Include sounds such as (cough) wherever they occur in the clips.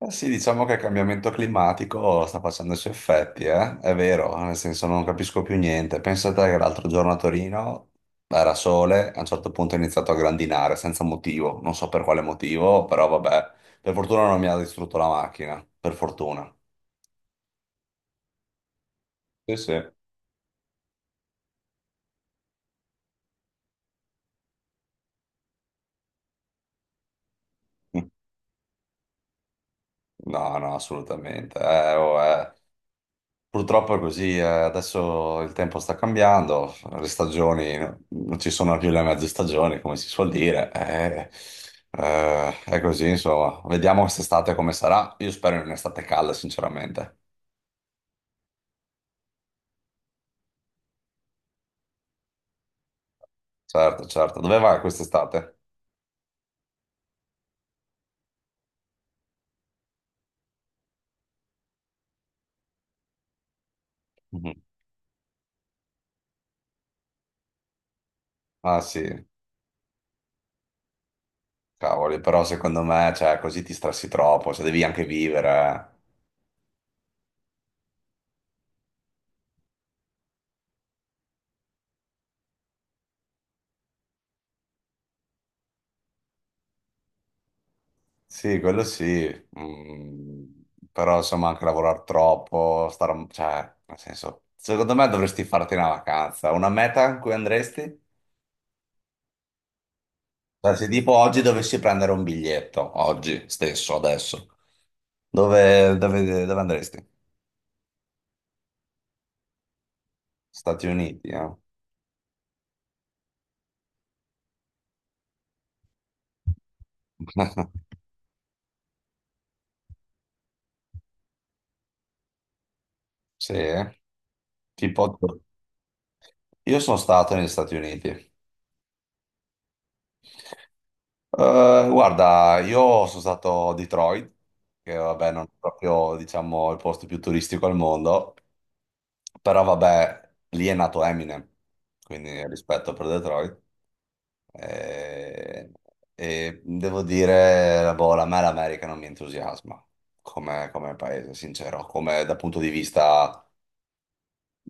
Eh sì, diciamo che il cambiamento climatico sta facendo i suoi effetti, eh? È vero, nel senso non capisco più niente. Pensate che l'altro giorno a Torino era sole, a un certo punto è iniziato a grandinare senza motivo, non so per quale motivo, però vabbè, per fortuna non mi ha distrutto la macchina, per fortuna. Sì, sì. (laughs) No, no, assolutamente. Oh, eh. Purtroppo è così, adesso il tempo sta cambiando, le stagioni non ci sono più le mezze stagioni, come si suol dire, è così, insomma, vediamo quest'estate come sarà, io spero in un'estate calda, sinceramente. Certo, certo, dove vai quest'estate? Mhm. Ah sì, cavoli, però secondo me, cioè, così ti stressi troppo, cioè, devi anche vivere, eh. Sì, quello sì. mm, Però insomma anche lavorare troppo, cioè, nel senso, secondo me dovresti farti una vacanza, una meta in cui andresti? Cioè, se tipo oggi dovessi prendere un biglietto, oggi stesso, adesso, dove andresti? Stati Uniti, eh? (laughs) Sì, eh? Tipo, io sono stato negli Stati Uniti. Guarda, io sono stato a Detroit, che vabbè non è proprio, diciamo, il posto più turistico al mondo, però vabbè, lì è nato Eminem, quindi rispetto per Detroit. Eh, Devo dire, boh, a me l'America non mi entusiasma come paese, sincero, come dal punto di vista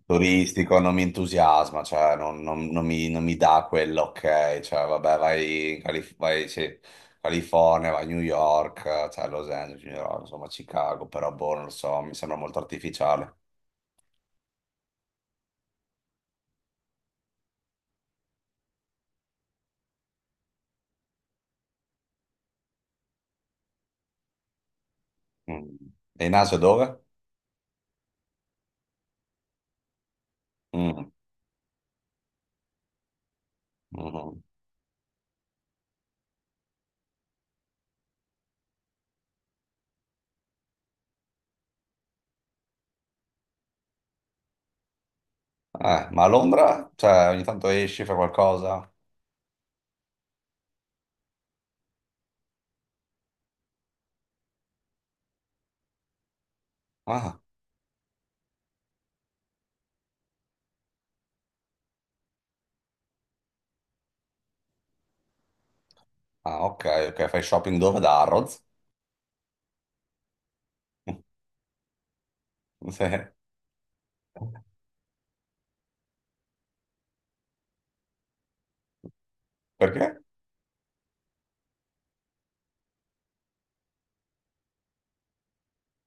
turistico non mi entusiasma, cioè non mi dà quell'ok, cioè vabbè vai, sì, California, vai a New York, cioè Los Angeles, New York, insomma Chicago, però boh, non lo so, mi sembra molto artificiale. Mm. E in Asia dove? Mm, mhm. Ma a Londra? Cioè ogni tanto esci, fai qualcosa? Ah, ah, ok, ok, fai shopping dove? Da Harrods? (laughs) Sì. Perché?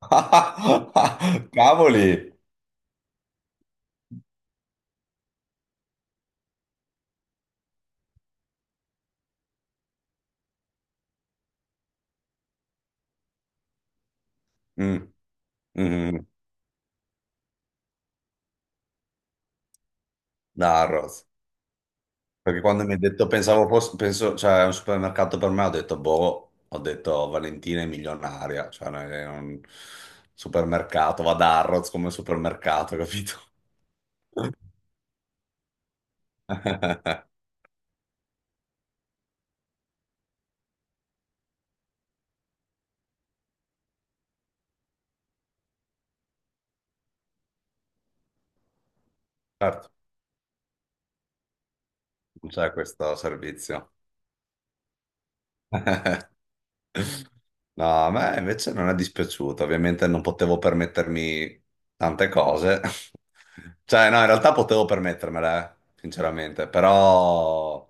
(laughs) Cavoli! Mm, mhm. Da Harrods. Perché quando mi ha detto pensavo fosse, penso, cioè, è un supermercato per me, ho detto boh, ho detto Valentina è milionaria, cioè non è un supermercato, va da Harrods come supermercato, capito? (laughs) Certo, non c'è questo servizio. (laughs) No, a me invece non è dispiaciuto, ovviamente non potevo permettermi tante cose. (laughs) Cioè, no, in realtà potevo permettermele, sinceramente, però.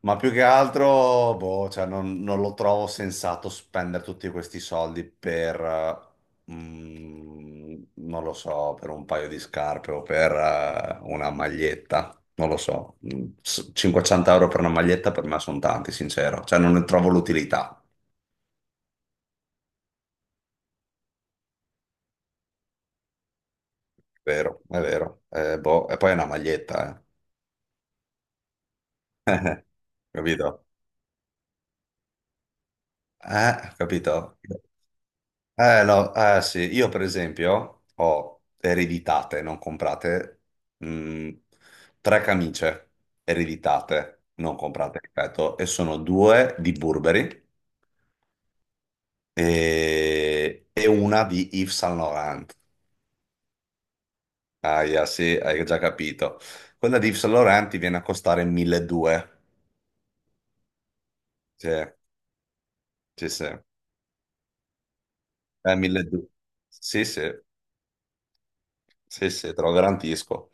Ma più che altro, boh, cioè non, non lo trovo sensato spendere tutti questi soldi per, non lo so, per un paio di scarpe o per, una maglietta. Non lo so. 500 euro per una maglietta per me sono tanti, sincero. Cioè non ne trovo l'utilità. Vero, è vero. Boh, e poi è una maglietta, capito? Capito? No, sì, io per esempio ho ereditate, non comprate, mh, tre camicie ereditate, non comprate, ripeto, e sono due di Burberry e una di Yves Saint Laurent. Ah, yeah, sì, hai già capito. Quella di Yves Saint Laurent ti viene a costare 1200. Sì, sì, sì. 1200. Sì, sì, sì, sì, te lo garantisco.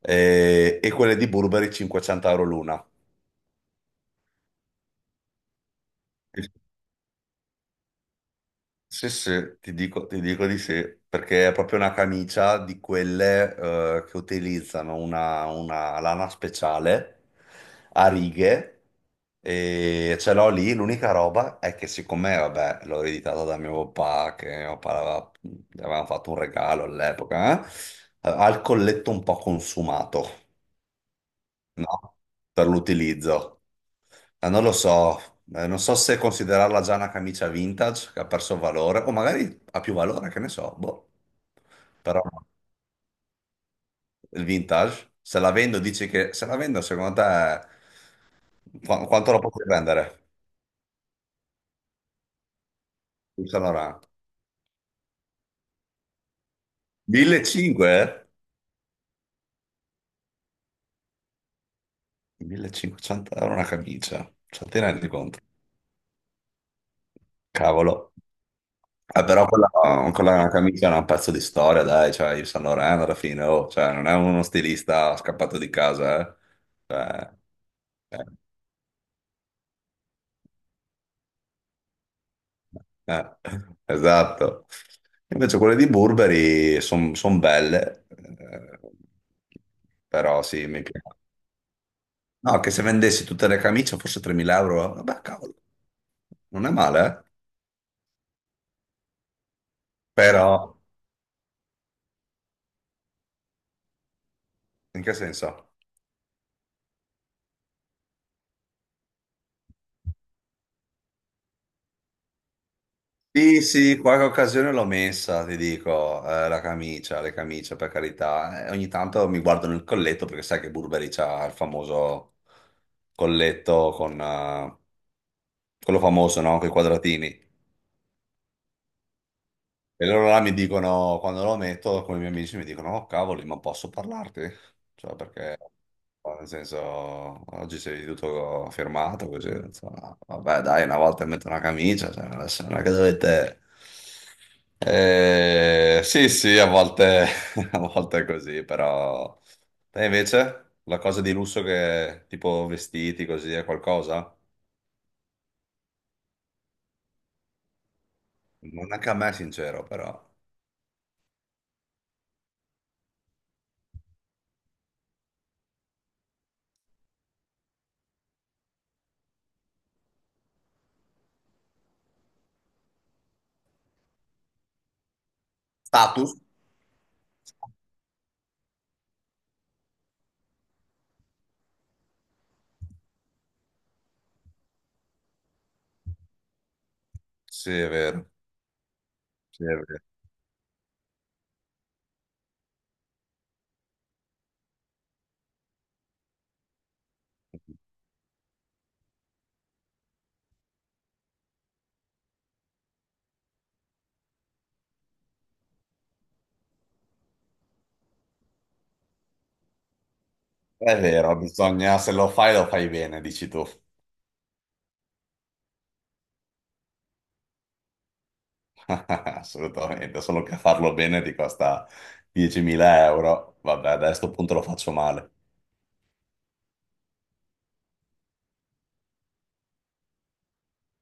E quelle di Burberry 500 euro l'una. Sì, sì, ti dico di sì, perché è proprio una camicia di quelle che utilizzano una lana speciale a righe e ce l'ho lì. L'unica roba è che siccome, vabbè, l'ho ereditata da mio papà, che gli avevamo fatto un regalo all'epoca, ha il colletto un po' consumato, no? Per l'utilizzo. Non lo so. Non so se considerarla già una camicia vintage che ha perso valore, o magari ha più valore, che ne so, boh. Però il vintage, se la vendo, dici che se la vendo, secondo te, quanto la potrei vendere? Il Saint Laurent. 1500? 1500 euro una camicia, cioè ti rendi conto? Cavolo. Però quella camicia è un pezzo di storia, dai, cioè il Saint Laurent alla fine, oh, cioè, non è uno stilista scappato di casa, eh. Cioè, eh. Eh, esatto. Invece quelle di Burberry sono belle, però sì, mi piace. No, che se vendessi tutte le camicie forse 3.000 euro, vabbè, cavolo, non è male, eh? Però, in che senso? Sì, sì, qualche occasione l'ho messa, ti dico, la camicia, le camicie, per carità. Ogni tanto mi guardo nel colletto perché sai che Burberry c'ha il famoso colletto con quello famoso, no? Con i quadratini. E loro là mi dicono, quando lo metto con i miei amici, mi dicono, oh cavoli, ma posso parlarti? Cioè, perché, nel senso, oggi sei tutto firmato, così, insomma, vabbè, dai, una volta metto una camicia, cioè, adesso non è che dovete... sì, sì, a volte, (laughs) a volte è così, però... Te invece, la cosa di lusso che, tipo, vestiti, così, è qualcosa? Non anche a me, sincero, però... Status? Sì, è vero. Sì, è vero. È vero, bisogna, se lo fai lo fai bene, dici tu. (laughs) Assolutamente, solo che farlo bene ti costa 10.000 euro. Vabbè, da questo punto lo faccio male.